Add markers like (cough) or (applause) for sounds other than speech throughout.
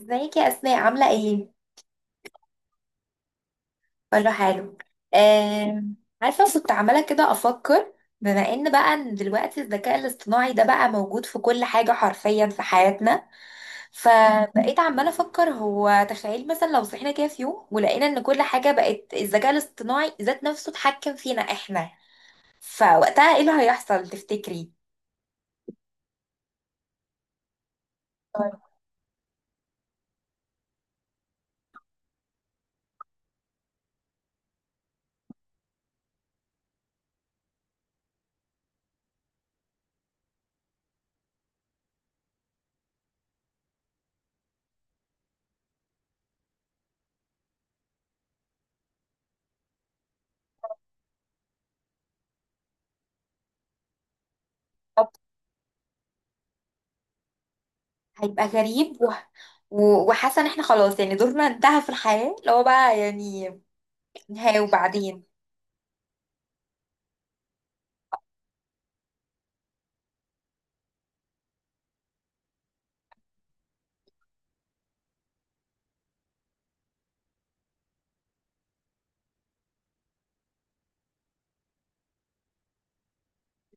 ازيك يا اسماء، عامله ايه؟ كله حلو. آم، عارفه، كنت عماله كده افكر، بما ان دلوقتي الذكاء الاصطناعي ده بقى موجود في كل حاجه، حرفيا في حياتنا. فبقيت عماله افكر، هو تخيل مثلا لو صحينا كده في يوم ولقينا ان كل حاجه بقت الذكاء الاصطناعي ذات نفسه اتحكم فينا احنا، فوقتها ايه اللي هيحصل تفتكري؟ طب، هيبقى غريب وحاسه ان احنا خلاص، يعني دورنا انتهى في الحياه، اللي هو بقى يعني نهايه. وبعدين؟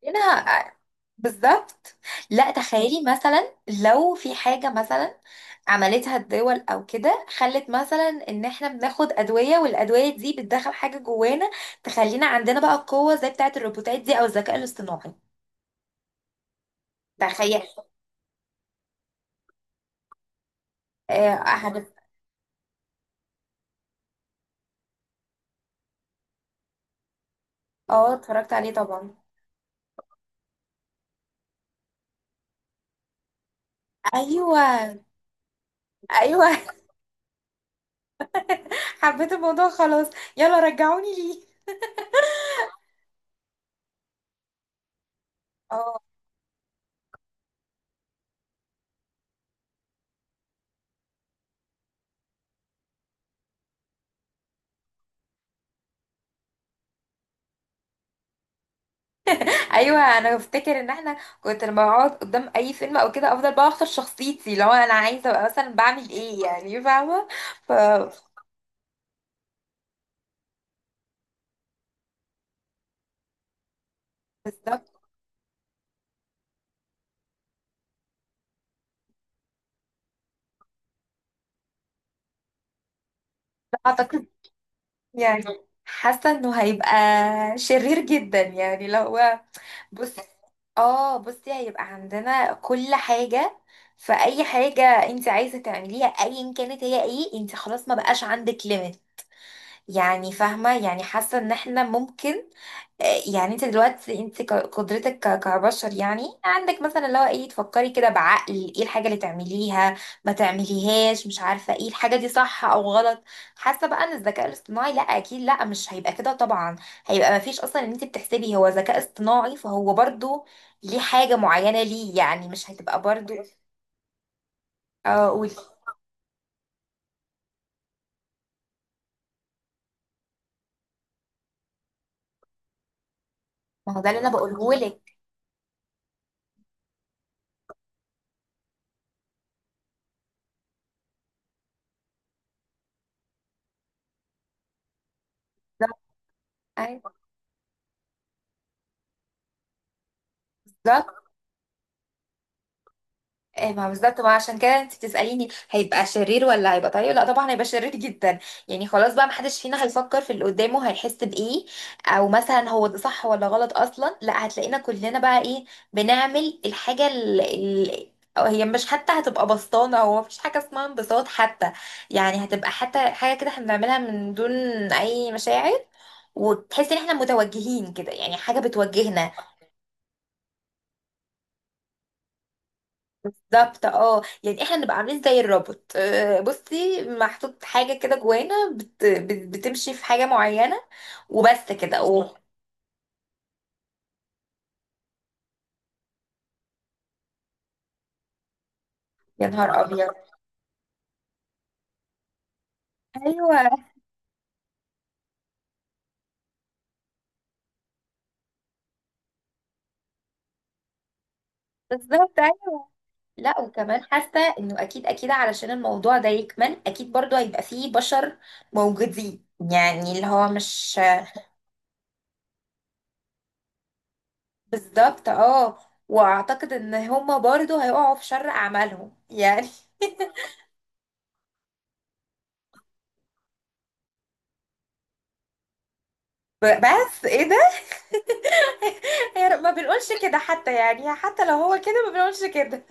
هنا بالظبط. لا تخيلي، مثلا لو في حاجة مثلا عملتها الدول او كده، خلت مثلا ان احنا بناخد ادوية، والادوية دي بتدخل حاجة جوانا تخلينا عندنا بقى قوة زي بتاعة الروبوتات دي، او الذكاء الاصطناعي. تخيل. اه، آه، اتفرجت عليه طبعا. ايوه، ايوه. (laughs) حبيت الموضوع، خلاص يلا رجعوني ليه. اه، ايوه، انا بفتكر ان احنا، كنت لما بقعد قدام اي فيلم او كده، افضل بقى اختار شخصيتي لو انا عايزه ابقى مثلا بعمل ايه، يعني فاهمه. ف بالظبط. اعتقد يعني حاسه انه هيبقى شرير جدا، يعني لو هو. بص اه بصي، هيبقى عندنا كل حاجه، فاي حاجه انت عايزه تعمليها ايا كانت، هي ايه؟ انت خلاص ما بقاش عندك ليميت. يعني فاهمه، يعني حاسه ان احنا ممكن، يعني انت دلوقتي، قدرتك كبشر، يعني عندك مثلا اللي هو ايه، تفكري كده بعقل ايه الحاجة اللي تعمليها، ما تعمليهاش، مش عارفة ايه الحاجة دي، صح او غلط. حاسة بقى ان الذكاء الاصطناعي، لا اكيد لا، مش هيبقى كده طبعا، هيبقى ما فيش اصلا ان انت بتحسبي هو ذكاء اصطناعي، فهو برضو ليه حاجة معينة، ليه يعني مش هتبقى برضو. اه قولي. ما هو ده اللي انا بقوله لك. بالظبط. أيوة، بالظبط. إيه؟ ما بالظبط، ما عشان كده انت بتسأليني هيبقى شرير ولا هيبقى طيب. لا طبعا هيبقى شرير جدا. يعني خلاص بقى، محدش فينا هيفكر في اللي قدامه، هيحس بإيه او مثلا هو ده صح ولا غلط اصلا. لا هتلاقينا كلنا بقى ايه، بنعمل الحاجة اللي هي مش حتى هتبقى بسطانة، هو مفيش حاجة اسمها انبساط حتى. يعني هتبقى حتى حاجة كده احنا بنعملها من دون اي مشاعر، وتحس ان احنا متوجهين كده، يعني حاجة بتوجهنا. بالظبط، اه، يعني احنا نبقى عاملين زي الروبوت، بصي محطوط حاجه كده جوانا بتمشي في حاجه معينه، وبس كده. اوه، يا نهار ابيض! ايوه، بالظبط ايوه. لا وكمان حاسه انه اكيد اكيد، علشان الموضوع ده يكمل، اكيد برضو هيبقى فيه بشر موجودين، يعني اللي هو مش بالظبط. اه، واعتقد ان هما برضو هيقعوا في شر اعمالهم، يعني. بس ايه ده؟ هي ما بنقولش كده حتى، يعني حتى لو هو كده ما بنقولش كده.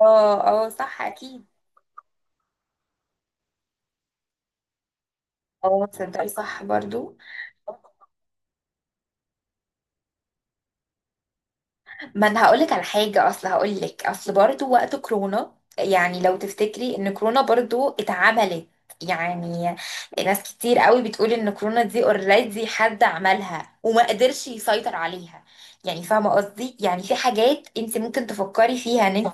اه، اه، صح اكيد. اه، تصدقي صح برضو، ما انا هقولك على حاجه، اصل هقولك اصل برضو وقت كورونا، يعني لو تفتكري ان كورونا برضو اتعملت يعني، ناس كتير قوي بتقول ان كورونا دي اوريدي حد عملها وما قدرش يسيطر عليها، يعني فاهمه قصدي، يعني في حاجات انت ممكن تفكري فيها ان انت.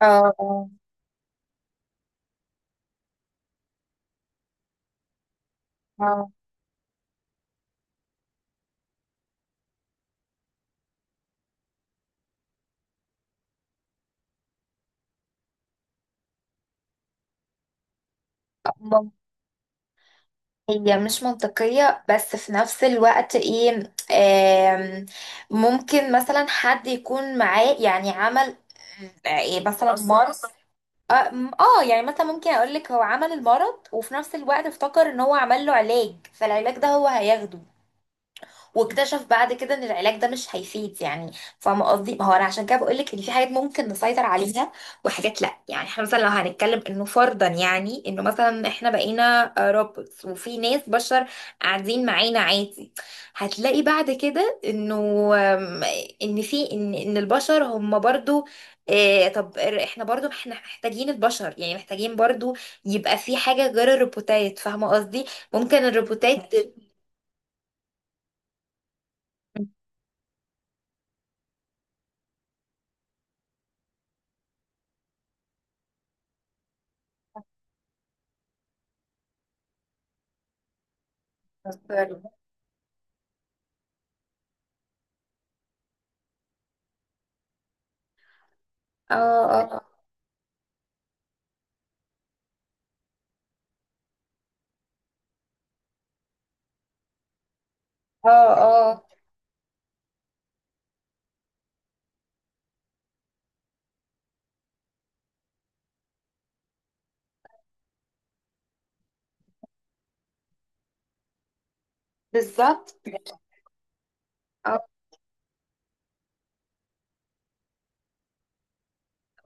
اه، اه، آه. هي مش منطقية بس في نفس الوقت ايه، ممكن مثلا حد يكون معاه يعني عمل، ايه مثلا أصلا مرض. اه، يعني مثلا ممكن اقولك هو عمل المرض، وفي نفس الوقت افتكر ان هو عمل له علاج، فالعلاج ده هو هياخده، واكتشف بعد كده ان العلاج ده مش هيفيد يعني. فاهمه قصدي، ما هو انا عشان كده بقول لك ان في حاجات ممكن نسيطر عليها وحاجات لا، يعني احنا مثلا لو هنتكلم انه فرضا يعني انه مثلا احنا بقينا روبوتس وفي ناس بشر قاعدين معانا عادي، هتلاقي بعد كده انه، آم، ان في ان البشر هم برضو إيه؟ طب احنا برضو احنا محتاجين البشر، يعني محتاجين برضو، يبقى في حاجة غير الروبوتات، فاهمة قصدي؟ ممكن الروبوتات. اه، اه، اه، اه، بالظبط. اه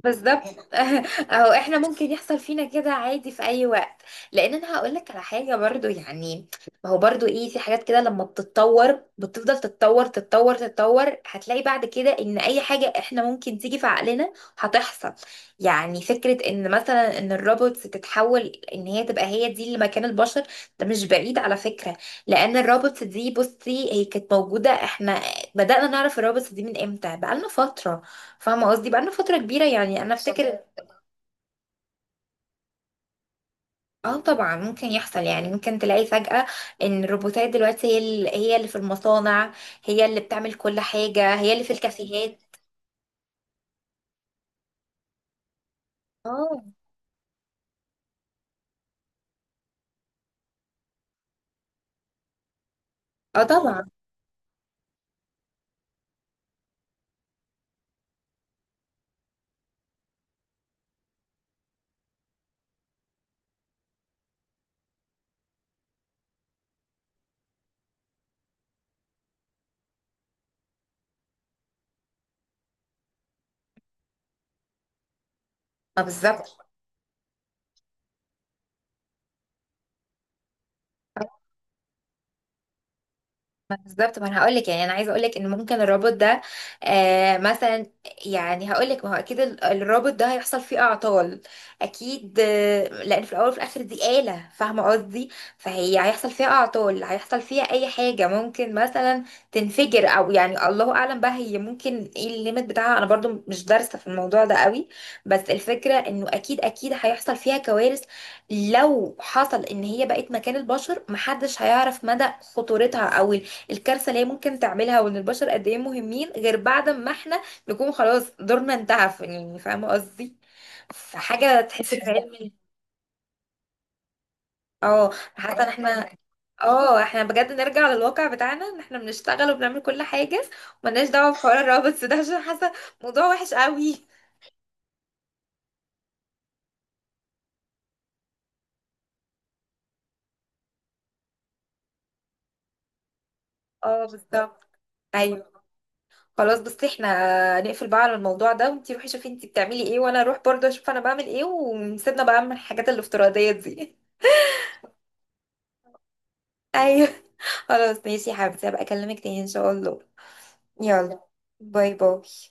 بالظبط. (laughs) اهو احنا ممكن يحصل فينا كده عادي في اي وقت. لان انا هقول لك على حاجه برضو، يعني ما هو برضو ايه، في حاجات كده لما بتتطور بتفضل تتطور تتطور تتطور، هتلاقي بعد كده ان اي حاجه احنا ممكن تيجي في عقلنا هتحصل. يعني فكره ان مثلا ان الروبوتس تتحول، ان هي تبقى هي دي اللي مكان البشر، ده مش بعيد على فكره. لان الروبوتس دي بصي هي كانت موجوده، احنا بدانا نعرف الروبوتس دي من امتى؟ بقالنا فتره، فاهمة قصدي؟ بقالنا فترة كبيرة، يعني أنا أفتكر. اه طبعا ممكن يحصل، يعني ممكن تلاقي فجأة إن الروبوتات دلوقتي هي اللي في المصانع، هي اللي بتعمل كل حاجة، هي اللي في الكافيهات. اه، اه طبعا. ما بالظبط بالظبط، ما انا هقول لك، يعني انا عايزه اقول لك ان ممكن الرابط ده، مثلا، يعني هقول لك ما هو اكيد الرابط ده هيحصل فيه اعطال اكيد، لان في الاول وفي الاخر دي آلة، فاهمه قصدي؟ فهي هيحصل فيها اعطال، هيحصل فيها اي حاجه، ممكن مثلا تنفجر او يعني الله اعلم بقى، هي ممكن ايه الليميت بتاعها؟ انا برضو مش دارسه في الموضوع ده قوي، بس الفكره انه اكيد اكيد هيحصل فيها كوارث. لو حصل ان هي بقت مكان البشر، محدش هيعرف مدى خطورتها او الكارثة اللي هي ممكن تعملها، وان البشر قد ايه مهمين غير بعد ما احنا نكون خلاص دورنا انتهى، يعني فاهمة قصدي، فحاجة تحس في علم. اه، حتى ان احنا. اه، احنا بجد نرجع للواقع بتاعنا، ان احنا بنشتغل وبنعمل كل حاجة، وملناش دعوة بحوار الروابط ده، عشان حاسة موضوع وحش قوي. اه بالظبط ايوه. خلاص، بس احنا نقفل بقى على الموضوع ده، وانتي روحي شوفي انتي بتعملي ايه، وانا اروح برضه اشوف انا بعمل ايه، ونسيبنا بقى من الحاجات الافتراضية دي. ايوه (laughs) خلاص ماشي يا حبيبتي، هبقى اكلمك تاني ان شاء الله. يلا، باي باي.